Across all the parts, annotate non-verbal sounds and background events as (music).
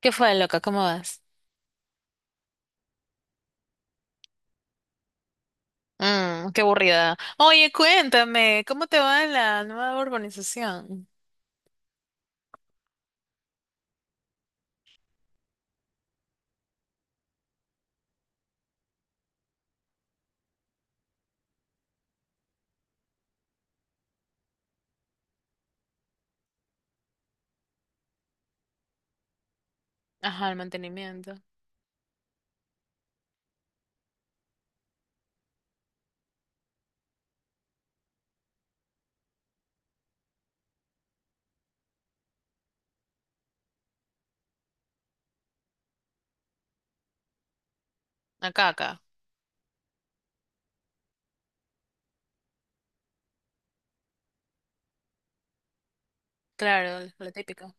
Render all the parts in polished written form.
¿Qué fue, loca? ¿Cómo vas? Mm, qué aburrida. Oye, cuéntame, ¿cómo te va en la nueva urbanización? Ajá, el mantenimiento. Acá, acá. Claro, lo típico.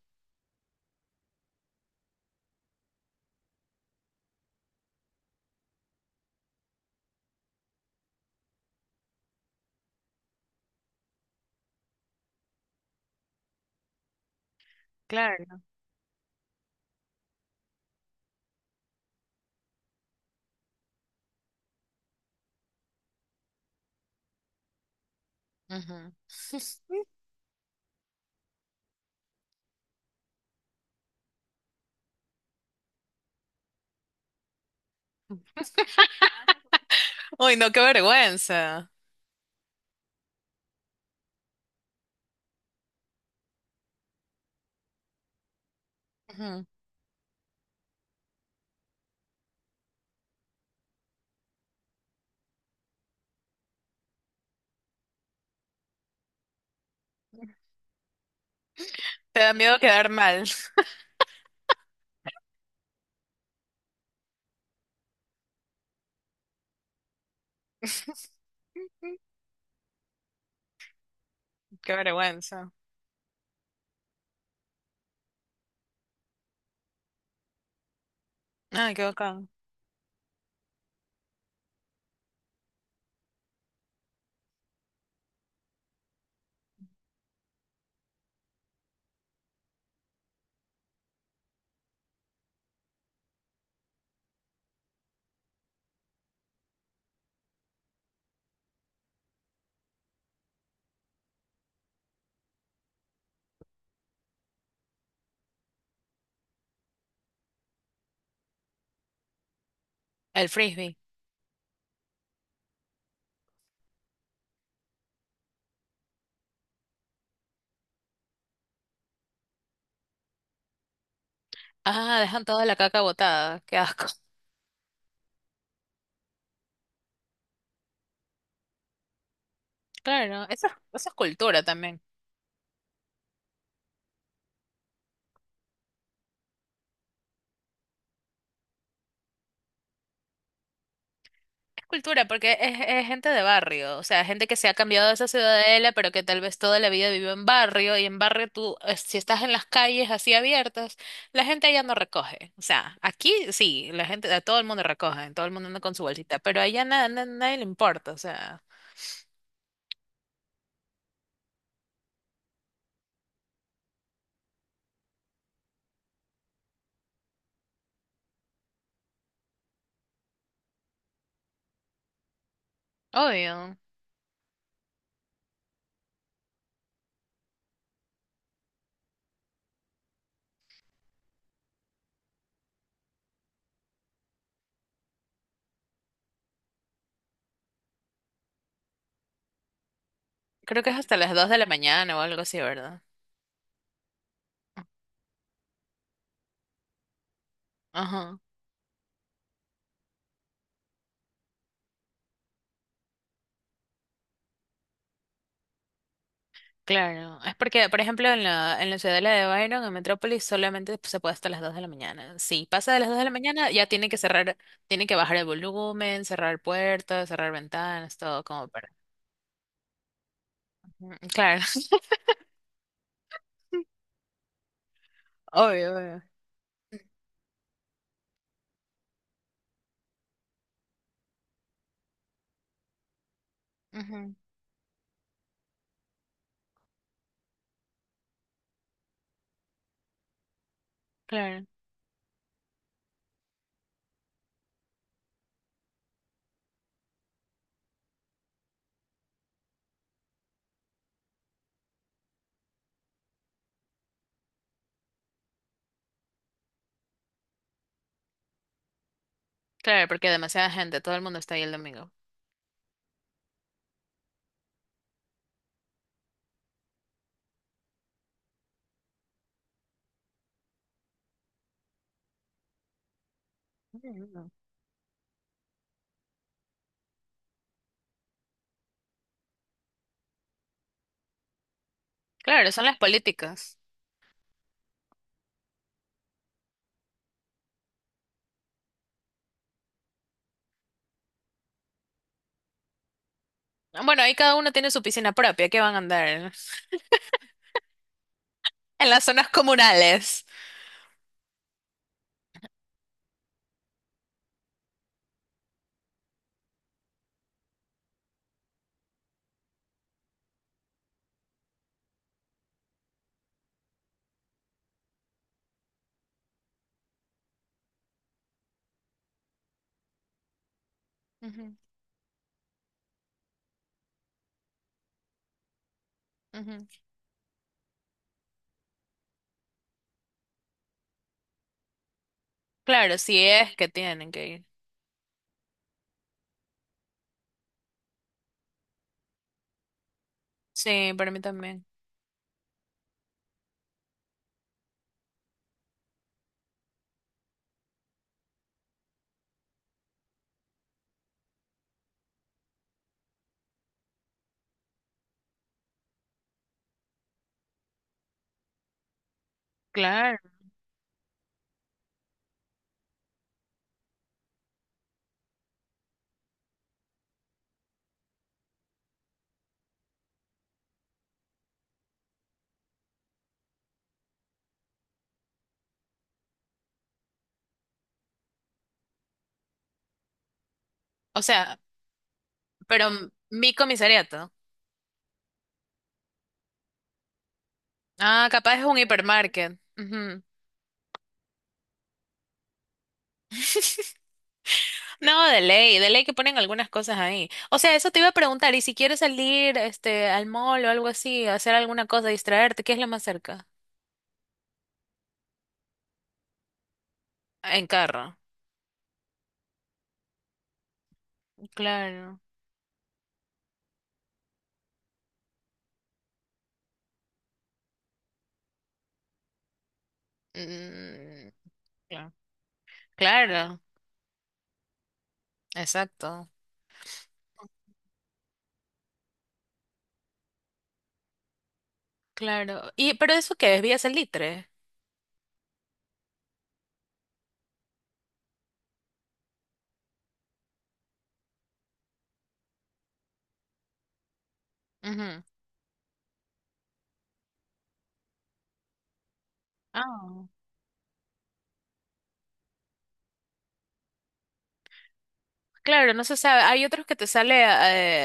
Claro. Ujú. (laughs) Uy, no, qué vergüenza. Ujú. Te da miedo quedar mal. (laughs) Qué vergüenza. Ay, qué bacán. El frisbee. Ah, dejan toda la caca botada. Qué asco. Claro, eso es cultura también. Cultura, porque es gente de barrio, o sea, gente que se ha cambiado de esa ciudadela, pero que tal vez toda la vida vivió en barrio, y en barrio tú, si estás en las calles así abiertas, la gente allá no recoge. O sea, aquí sí, la gente, a todo el mundo recoge, todo el mundo anda con su bolsita, pero allá nada, nadie le importa, o sea, obvio. Creo que es hasta las 2 de la mañana o algo así, ¿verdad? Ajá. Claro, es porque, por ejemplo, en la ciudadela de Byron, en Metrópolis, solamente se puede hasta las 2 de la mañana. Si pasa de las 2 de la mañana, ya tiene que cerrar, tiene que bajar el volumen, cerrar puertas, cerrar ventanas, todo como para... Mm, claro. (laughs) Obvio, obvio. Ujú. Claro, claro, porque demasiada gente, todo el mundo está ahí el domingo. Mm, claro, son las políticas. Bueno, ahí cada uno tiene su piscina propia, ¿qué van a andar? En las zonas comunales. Ujú, ujú. Claro, si es que tienen que ir. Sí, para mí también. Claro. O sea, pero mi comisariato. Ah, capaz es un hipermarket. Ujú. No, de ley que ponen algunas cosas ahí. O sea, eso te iba a preguntar, y si quieres salir, este, al mall o algo así, hacer alguna cosa, distraerte, ¿qué es lo más cerca? En carro. Claro. Mm, claro. Claro, exacto. Claro. Y, pero eso qué es, ¿Vía Salitre? Ujú. Ah. Claro, no se sabe. Hay otros que te sale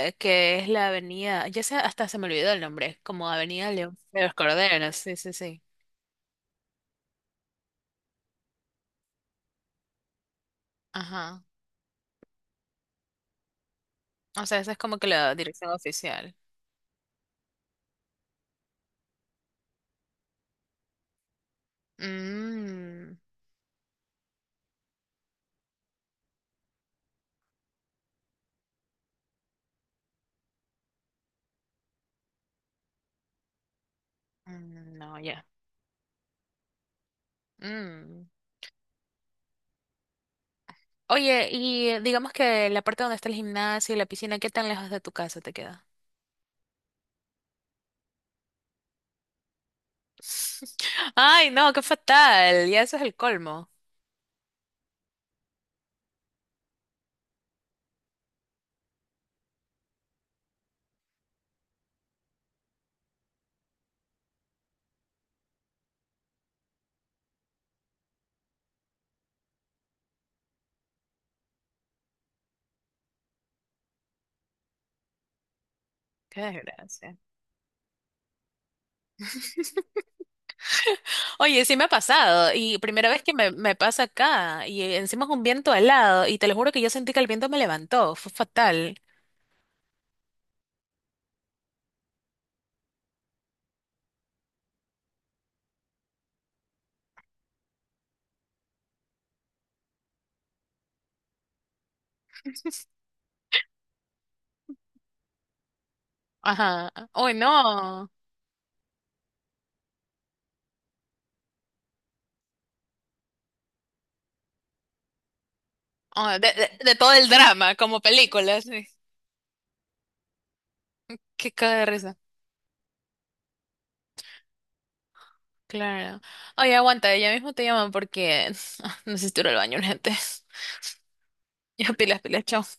que es la avenida, ya sé, hasta se me olvidó el nombre, como Avenida León de los Corderos, sí, sí, sí. Ajá. O sea, esa es como que la dirección oficial. Mm, mm, no, ya. Mm. Oye, y digamos que la parte donde está el gimnasio y la piscina, ¿qué tan lejos de tu casa te queda? (laughs) Ay, no, qué fatal. Ya eso es el colmo. Qué desgracia. Oye, sí me ha pasado, y primera vez que me pasa acá, y encima es un viento alado, y te lo juro que yo sentí que el viento me levantó, fue fatal. Ajá. Uy, no. Ah, de, de todo el drama, como películas. Sí. Qué caga de risa. Claro. Oye, aguanta, ya mismo te llaman porque (laughs) necesito ir al baño, gente. (laughs) Ya, pilas, pilas, chao.